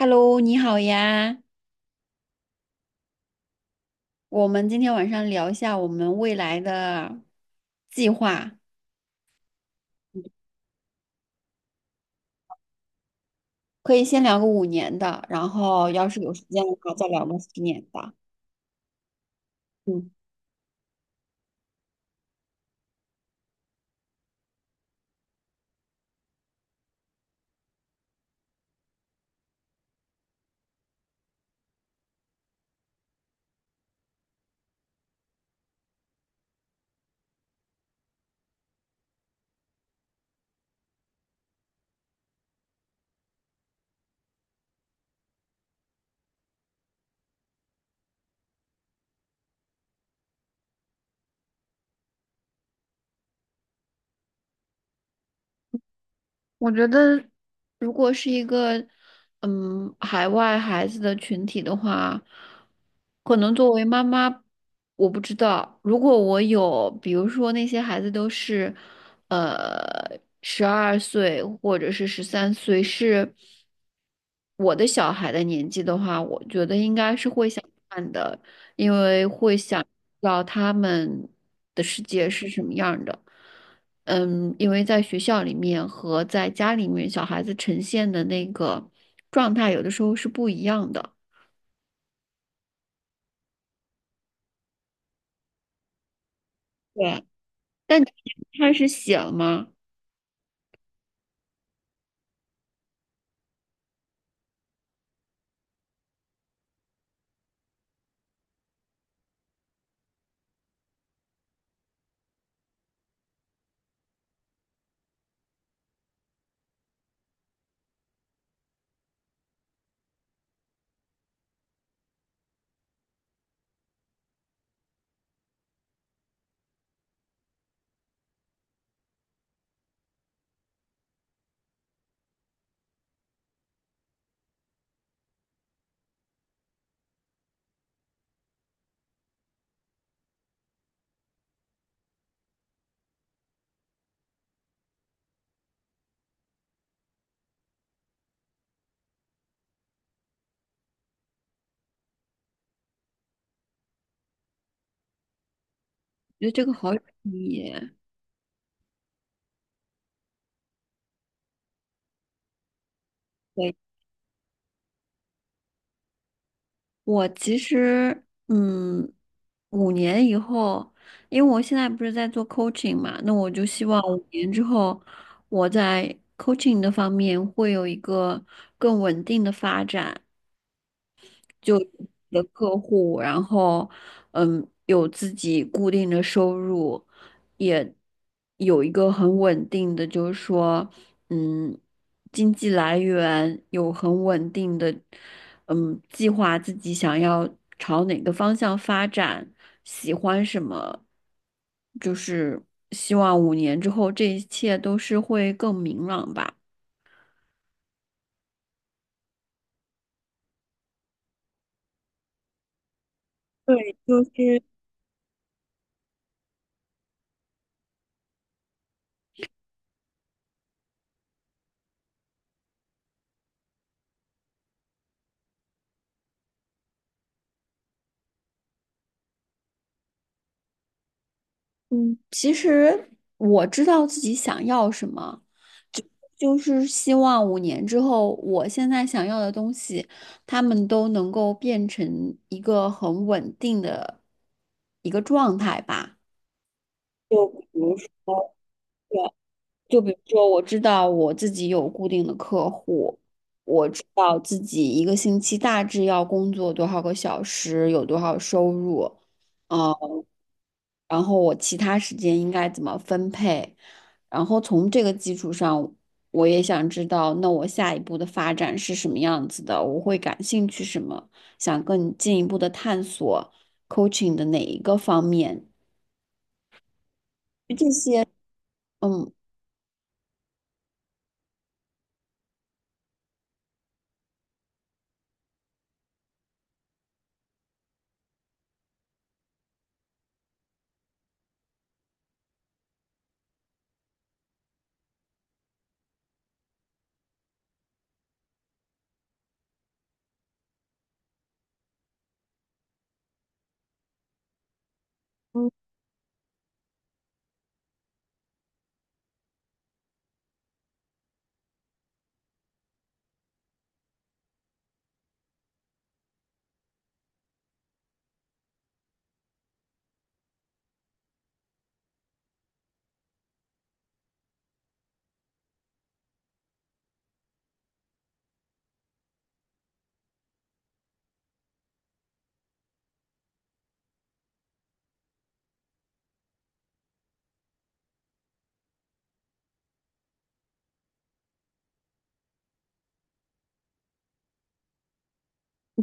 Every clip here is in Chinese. Hello，你好呀。我们今天晚上聊一下我们未来的计划，可以先聊个五年的，然后要是有时间的话，再聊个十年的。嗯。我觉得，如果是一个海外孩子的群体的话，可能作为妈妈，我不知道。如果我有，比如说那些孩子都是，12岁或者是13岁，是我的小孩的年纪的话，我觉得应该是会想看的，因为会想知道他们的世界是什么样的。因为在学校里面和在家里面，小孩子呈现的那个状态有的时候是不一样的。对，但你开始写了吗？我觉得这个好有意义。对，我其实，5年以后，因为我现在不是在做 coaching 嘛，那我就希望五年之后，我在 coaching 的方面会有一个更稳定的发展。就的客户，然后有自己固定的收入，也有一个很稳定的，就是说嗯，经济来源有很稳定的，计划自己想要朝哪个方向发展，喜欢什么，就是希望五年之后这一切都是会更明朗吧。对，就是，嗯，其实我知道自己想要什么，就是希望五年之后，我现在想要的东西，他们都能够变成一个很稳定的一个状态吧。就比如说就比如说，我知道我自己有固定的客户，我知道自己一个星期大致要工作多少个小时，有多少收入，呃然后我其他时间应该怎么分配，然后从这个基础上，我也想知道，那我下一步的发展是什么样子的，我会感兴趣什么，想更进一步的探索 coaching 的哪一个方面，就这些。嗯。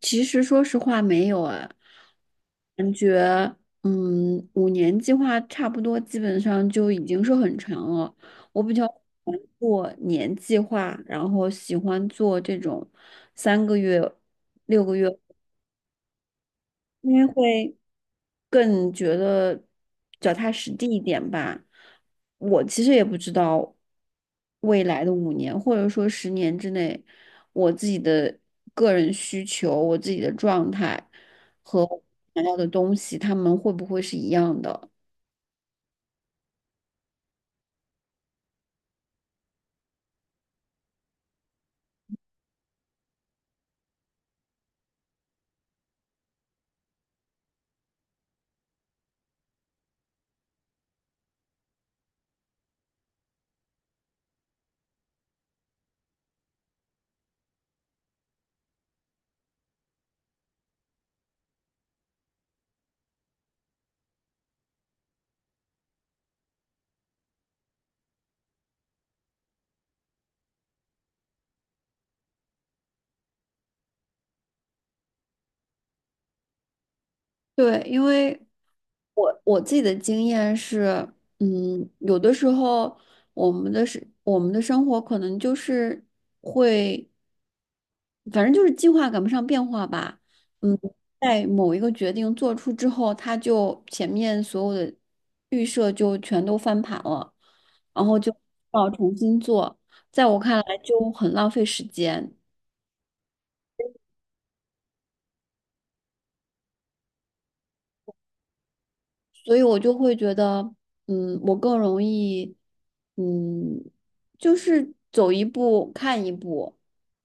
其实说实话没有哎，感觉5年计划差不多基本上就已经是很长了。我比较喜欢做年计划，然后喜欢做这种3个月、6个月，因为会。更觉得脚踏实地一点吧。我其实也不知道未来的五年或者说10年之内，我自己的个人需求、我自己的状态和我想要的东西，他们会不会是一样的？对，因为我自己的经验是，有的时候我们的是我们的生活可能就是。会。反正就是计划赶不上变化吧。嗯，在某一个决定做出之后，他就前面所有的预设就全都翻盘了，然后就要重新做。在我看来，就很浪费时间。所以我就会觉得，我更容易，嗯，就是走一步看一步，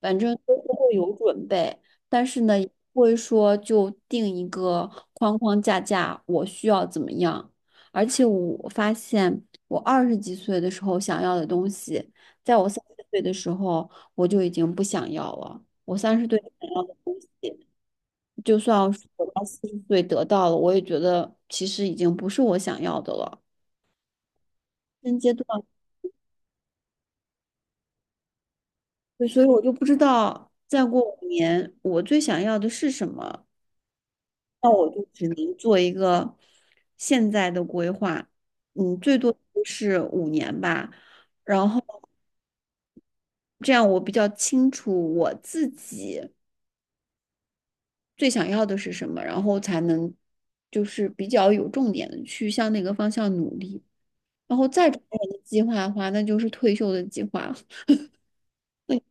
反正都是会有准备，但是呢，也不会说就定一个框框架架，我需要怎么样。而且我发现，我20几岁的时候想要的东西，在我三十岁的时候我就已经不想要了。我三十岁想要的东西。就算是我到40岁得到了，我也觉得其实已经不是我想要的了。现阶段，对，所以我就不知道再过五年我最想要的是什么。那我就只能做一个现在的规划，最多就是五年吧。然后这样我比较清楚我自己最想要的是什么，然后才能就是比较有重点的去向那个方向努力。然后再找人的计划的话，那就是退休的计划。对，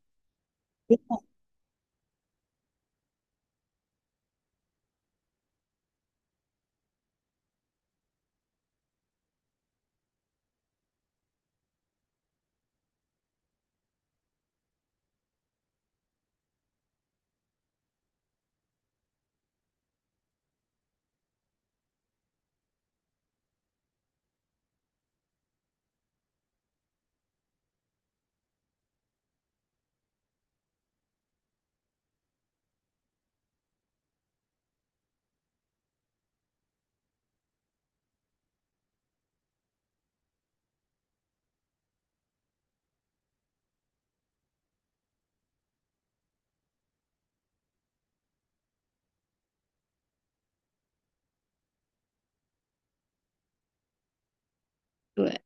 对。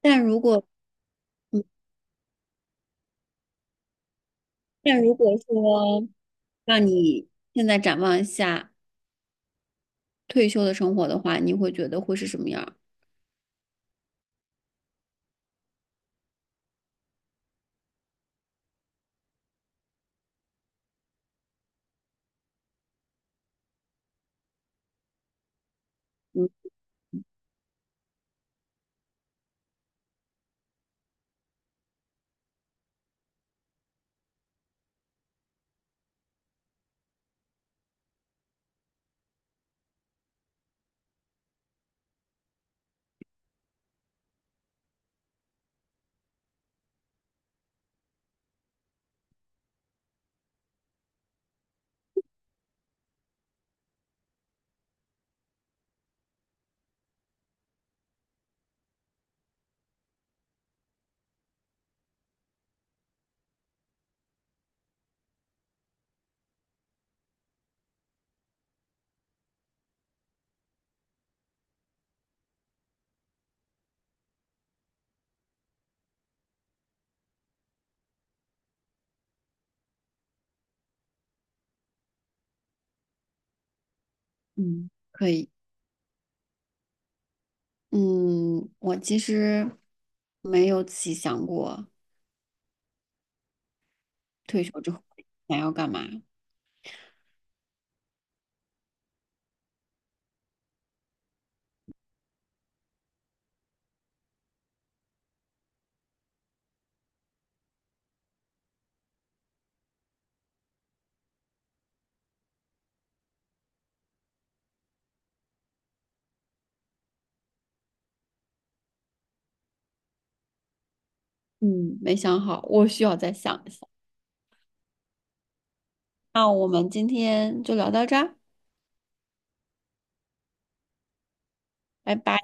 但如果但如果说让你现在展望一下退休的生活的话，你会觉得会是什么样儿？嗯嗯，可以。嗯，我其实没有仔细想过退休之后想要干嘛。嗯，没想好，我需要再想一想。那我们今天就聊到这儿，拜拜。